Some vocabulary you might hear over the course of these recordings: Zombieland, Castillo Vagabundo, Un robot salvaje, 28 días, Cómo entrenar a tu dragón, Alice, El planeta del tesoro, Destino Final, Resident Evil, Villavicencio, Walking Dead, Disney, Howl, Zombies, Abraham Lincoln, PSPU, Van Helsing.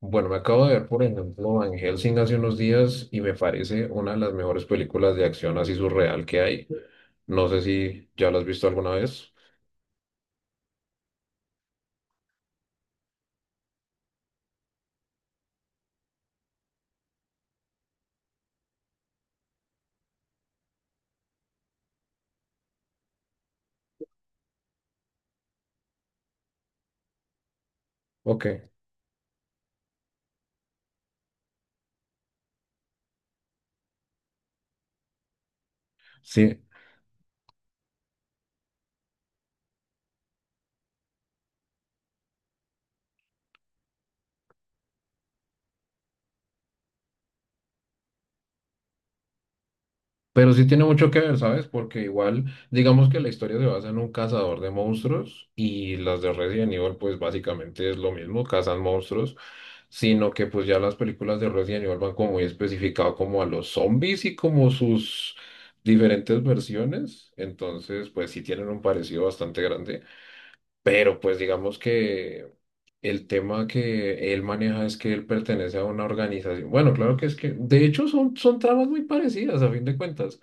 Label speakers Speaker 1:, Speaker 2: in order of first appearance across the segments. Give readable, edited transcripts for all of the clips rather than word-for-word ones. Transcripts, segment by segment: Speaker 1: Bueno, me acabo de ver, por ejemplo, Van Helsing hace unos días y me parece una de las mejores películas de acción así surreal que hay. No sé si ya la has visto alguna vez. Ok, sí. Pero sí tiene mucho que ver, ¿sabes? Porque igual, digamos que la historia se basa en un cazador de monstruos y las de Resident Evil, pues básicamente es lo mismo, cazan monstruos, sino que pues ya las películas de Resident Evil van como muy especificado como a los zombies y como sus diferentes versiones. Entonces, pues sí tienen un parecido bastante grande. Pero pues digamos que el tema que él maneja es que él pertenece a una organización. Bueno, claro que es que, de hecho, son tramas muy parecidas a fin de cuentas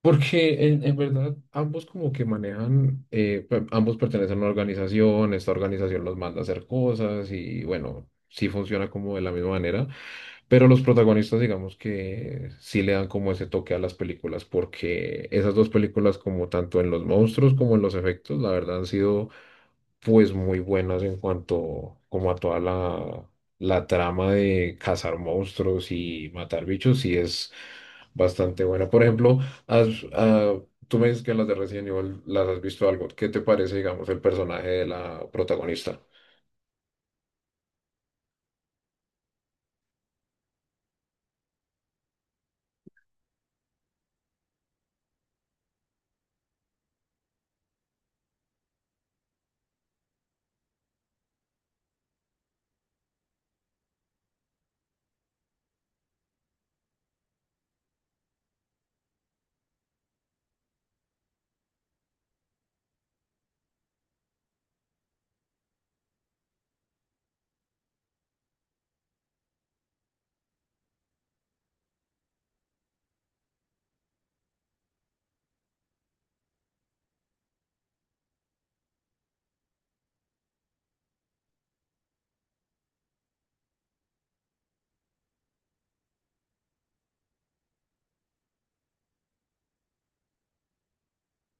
Speaker 1: porque en verdad ambos como que manejan, ambos pertenecen a una organización, esta organización los manda a hacer cosas y bueno, sí funciona como de la misma manera, pero los protagonistas digamos que sí le dan como ese toque a las películas, porque esas dos películas como tanto en los monstruos como en los efectos, la verdad han sido pues muy buenas en cuanto como a toda la trama de cazar monstruos y matar bichos, sí es bastante buena. Por ejemplo, has- ah, tú me dices que en las de Resident Evil las has visto algo. ¿Qué te parece, digamos, el personaje de la protagonista?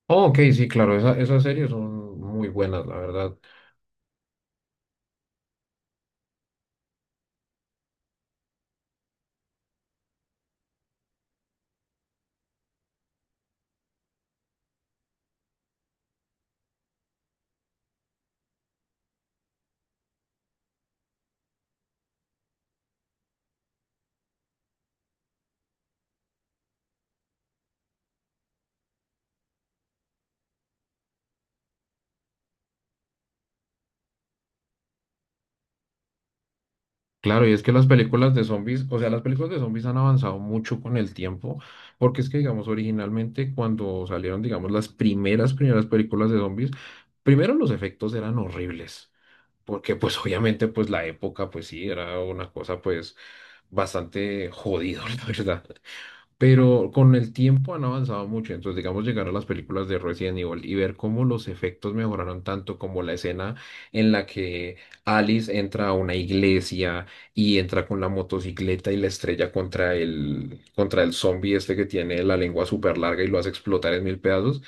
Speaker 1: Oh, ok, sí, claro, esas series son muy buenas, la verdad. Claro, y es que las películas de zombies, o sea, las películas de zombies han avanzado mucho con el tiempo, porque es que, digamos, originalmente cuando salieron, digamos, las primeras películas de zombies, primero los efectos eran horribles, porque pues obviamente pues la época pues sí, era una cosa pues bastante jodido la verdad. Pero con el tiempo han avanzado mucho, entonces digamos llegar a las películas de Resident Evil y ver cómo los efectos mejoraron tanto como la escena en la que Alice entra a una iglesia y entra con la motocicleta y la estrella contra contra el zombie este que tiene la lengua súper larga y lo hace explotar en mil pedazos.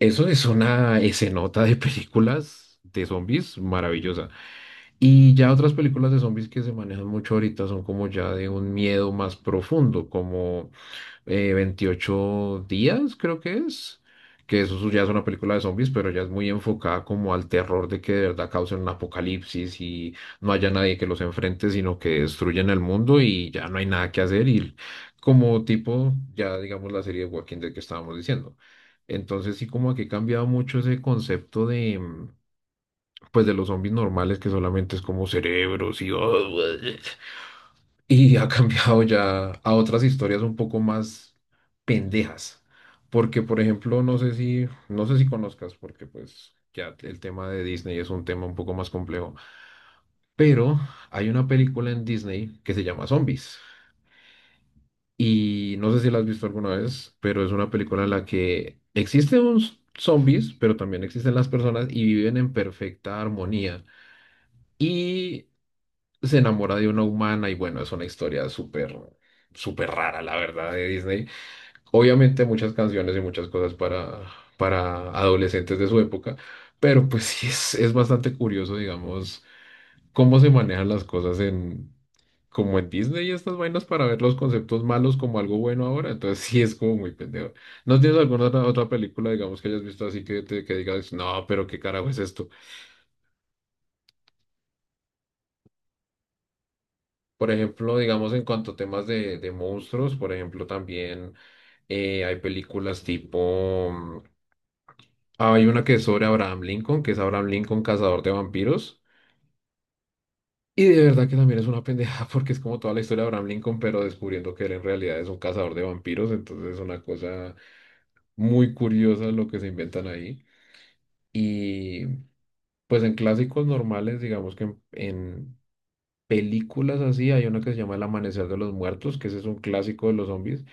Speaker 1: Eso es una escenota de películas de zombies maravillosa y ya otras películas de zombies que se manejan mucho ahorita son como ya de un miedo más profundo como 28 días, creo que es, que eso ya es una película de zombies, pero ya es muy enfocada como al terror de que de verdad causen un apocalipsis y no haya nadie que los enfrente, sino que destruyen el mundo y ya no hay nada que hacer y como tipo, ya digamos la serie de Walking Dead que estábamos diciendo. Entonces sí como que ha cambiado mucho ese concepto de... pues de los zombies normales que solamente es como cerebros y... y ha cambiado ya a otras historias un poco más pendejas. Porque, por ejemplo, no sé si, no sé si conozcas, porque pues ya el tema de Disney es un tema un poco más complejo. Pero hay una película en Disney que se llama Zombies. Y no sé si la has visto alguna vez, pero es una película en la que existen zombies, pero también existen las personas y viven en perfecta armonía. Y se enamora de una humana y bueno, es una historia súper rara, la verdad, de Disney. Obviamente muchas canciones y muchas cosas para adolescentes de su época, pero pues sí es bastante curioso, digamos, cómo se manejan las cosas en... como en Disney y estas vainas para ver los conceptos malos como algo bueno ahora, entonces sí es como muy pendejo. ¿No tienes alguna otra película, digamos, que hayas visto así que digas, no, pero qué carajo es esto? Por ejemplo, digamos en cuanto a temas de monstruos, por ejemplo, también hay películas tipo... hay una que es sobre Abraham Lincoln, que es Abraham Lincoln, cazador de vampiros. Y de verdad que también es una pendeja porque es como toda la historia de Abraham Lincoln, pero descubriendo que él en realidad es un cazador de vampiros. Entonces es una cosa muy curiosa lo que se inventan ahí. Y pues en clásicos normales, digamos que en películas así, hay una que se llama El Amanecer de los Muertos, que ese es un clásico de los zombies.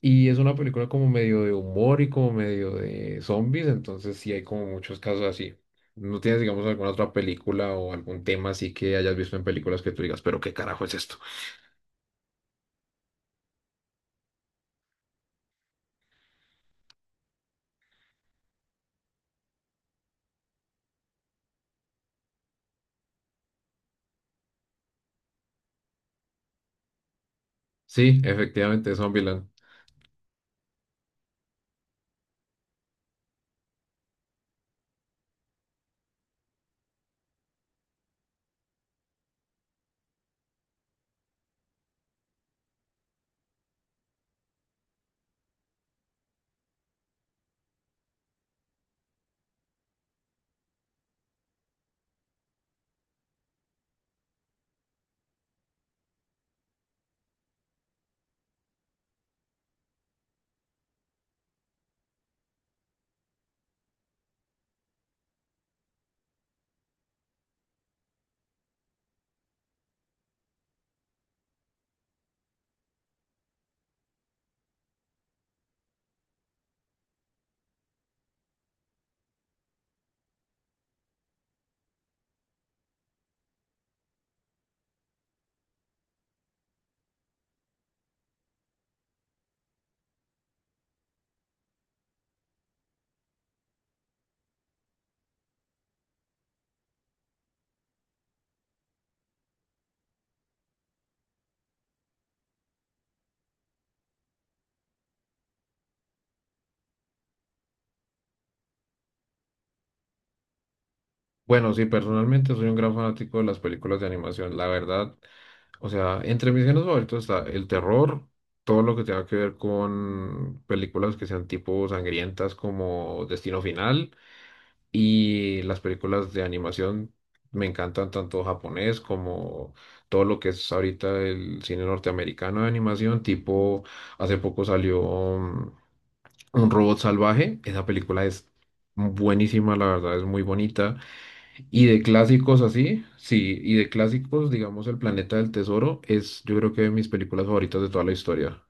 Speaker 1: Y es una película como medio de humor y como medio de zombies, entonces sí hay como muchos casos así. ¿No tienes, digamos, alguna otra película o algún tema así que hayas visto en películas que tú digas, pero qué carajo es esto? Sí, efectivamente, Zombieland. Bueno, sí, personalmente soy un gran fanático de las películas de animación, la verdad. O sea, entre mis géneros favoritos está el terror, todo lo que tenga que ver con películas que sean tipo sangrientas como Destino Final. Y las películas de animación me encantan tanto japonés como todo lo que es ahorita el cine norteamericano de animación, tipo hace poco salió mm, Un robot salvaje, esa película es buenísima, la verdad es muy bonita. Y de clásicos así, sí, y de clásicos, digamos El planeta del tesoro es yo creo que de mis películas favoritas de toda la historia.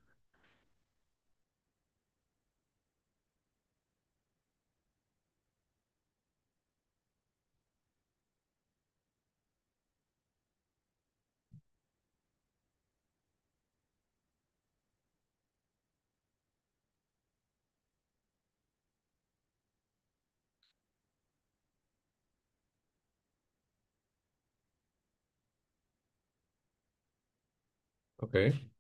Speaker 1: Ok.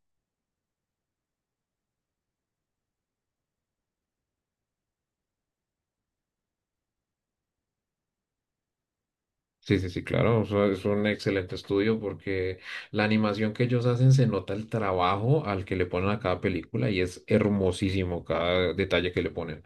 Speaker 1: Sí, sí, sí, claro, o sea, es un excelente estudio porque la animación que ellos hacen se nota el trabajo al que le ponen a cada película y es hermosísimo cada detalle que le ponen.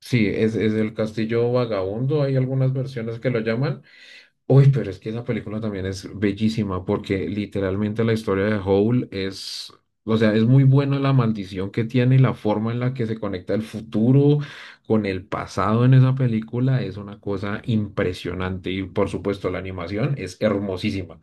Speaker 1: Sí, es el Castillo Vagabundo, hay algunas versiones que lo llaman. Uy, pero es que esa película también es bellísima porque literalmente la historia de Howl es, o sea, es muy buena la maldición que tiene y la forma en la que se conecta el futuro con el pasado en esa película es una cosa impresionante y por supuesto la animación es hermosísima.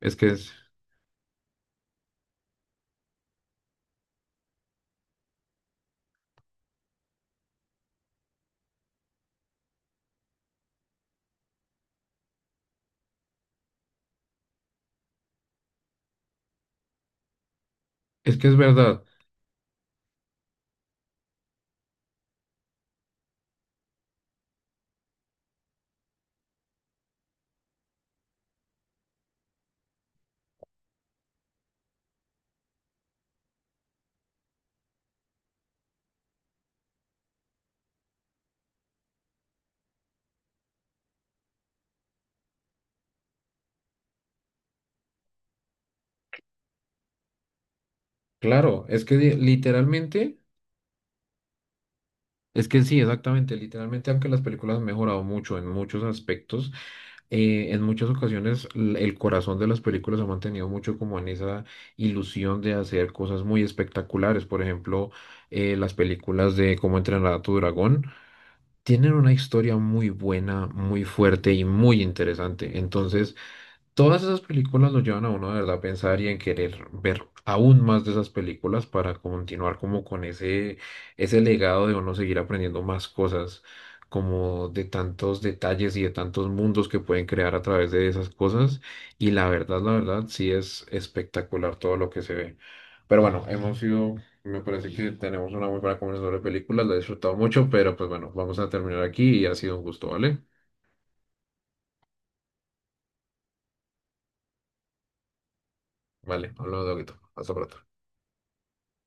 Speaker 1: Es que es, es que es verdad, claro, literalmente, es que sí, exactamente, literalmente aunque las películas han mejorado mucho en muchos aspectos. En muchas ocasiones el corazón de las películas ha mantenido mucho como en esa ilusión de hacer cosas muy espectaculares. Por ejemplo, las películas de Cómo entrenar a tu dragón tienen una historia muy buena, muy fuerte y muy interesante. Entonces, todas esas películas lo llevan a uno de verdad a pensar y en querer ver aún más de esas películas para continuar como con ese legado de uno seguir aprendiendo más cosas, como de tantos detalles y de tantos mundos que pueden crear a través de esas cosas. Y la verdad, sí es espectacular todo lo que se ve. Pero bueno, hemos sido, me parece que tenemos una muy buena conversación sobre películas, la he disfrutado mucho, pero pues bueno, vamos a terminar aquí y ha sido un gusto, ¿vale? Vale, hablamos de poquito. Hasta pronto.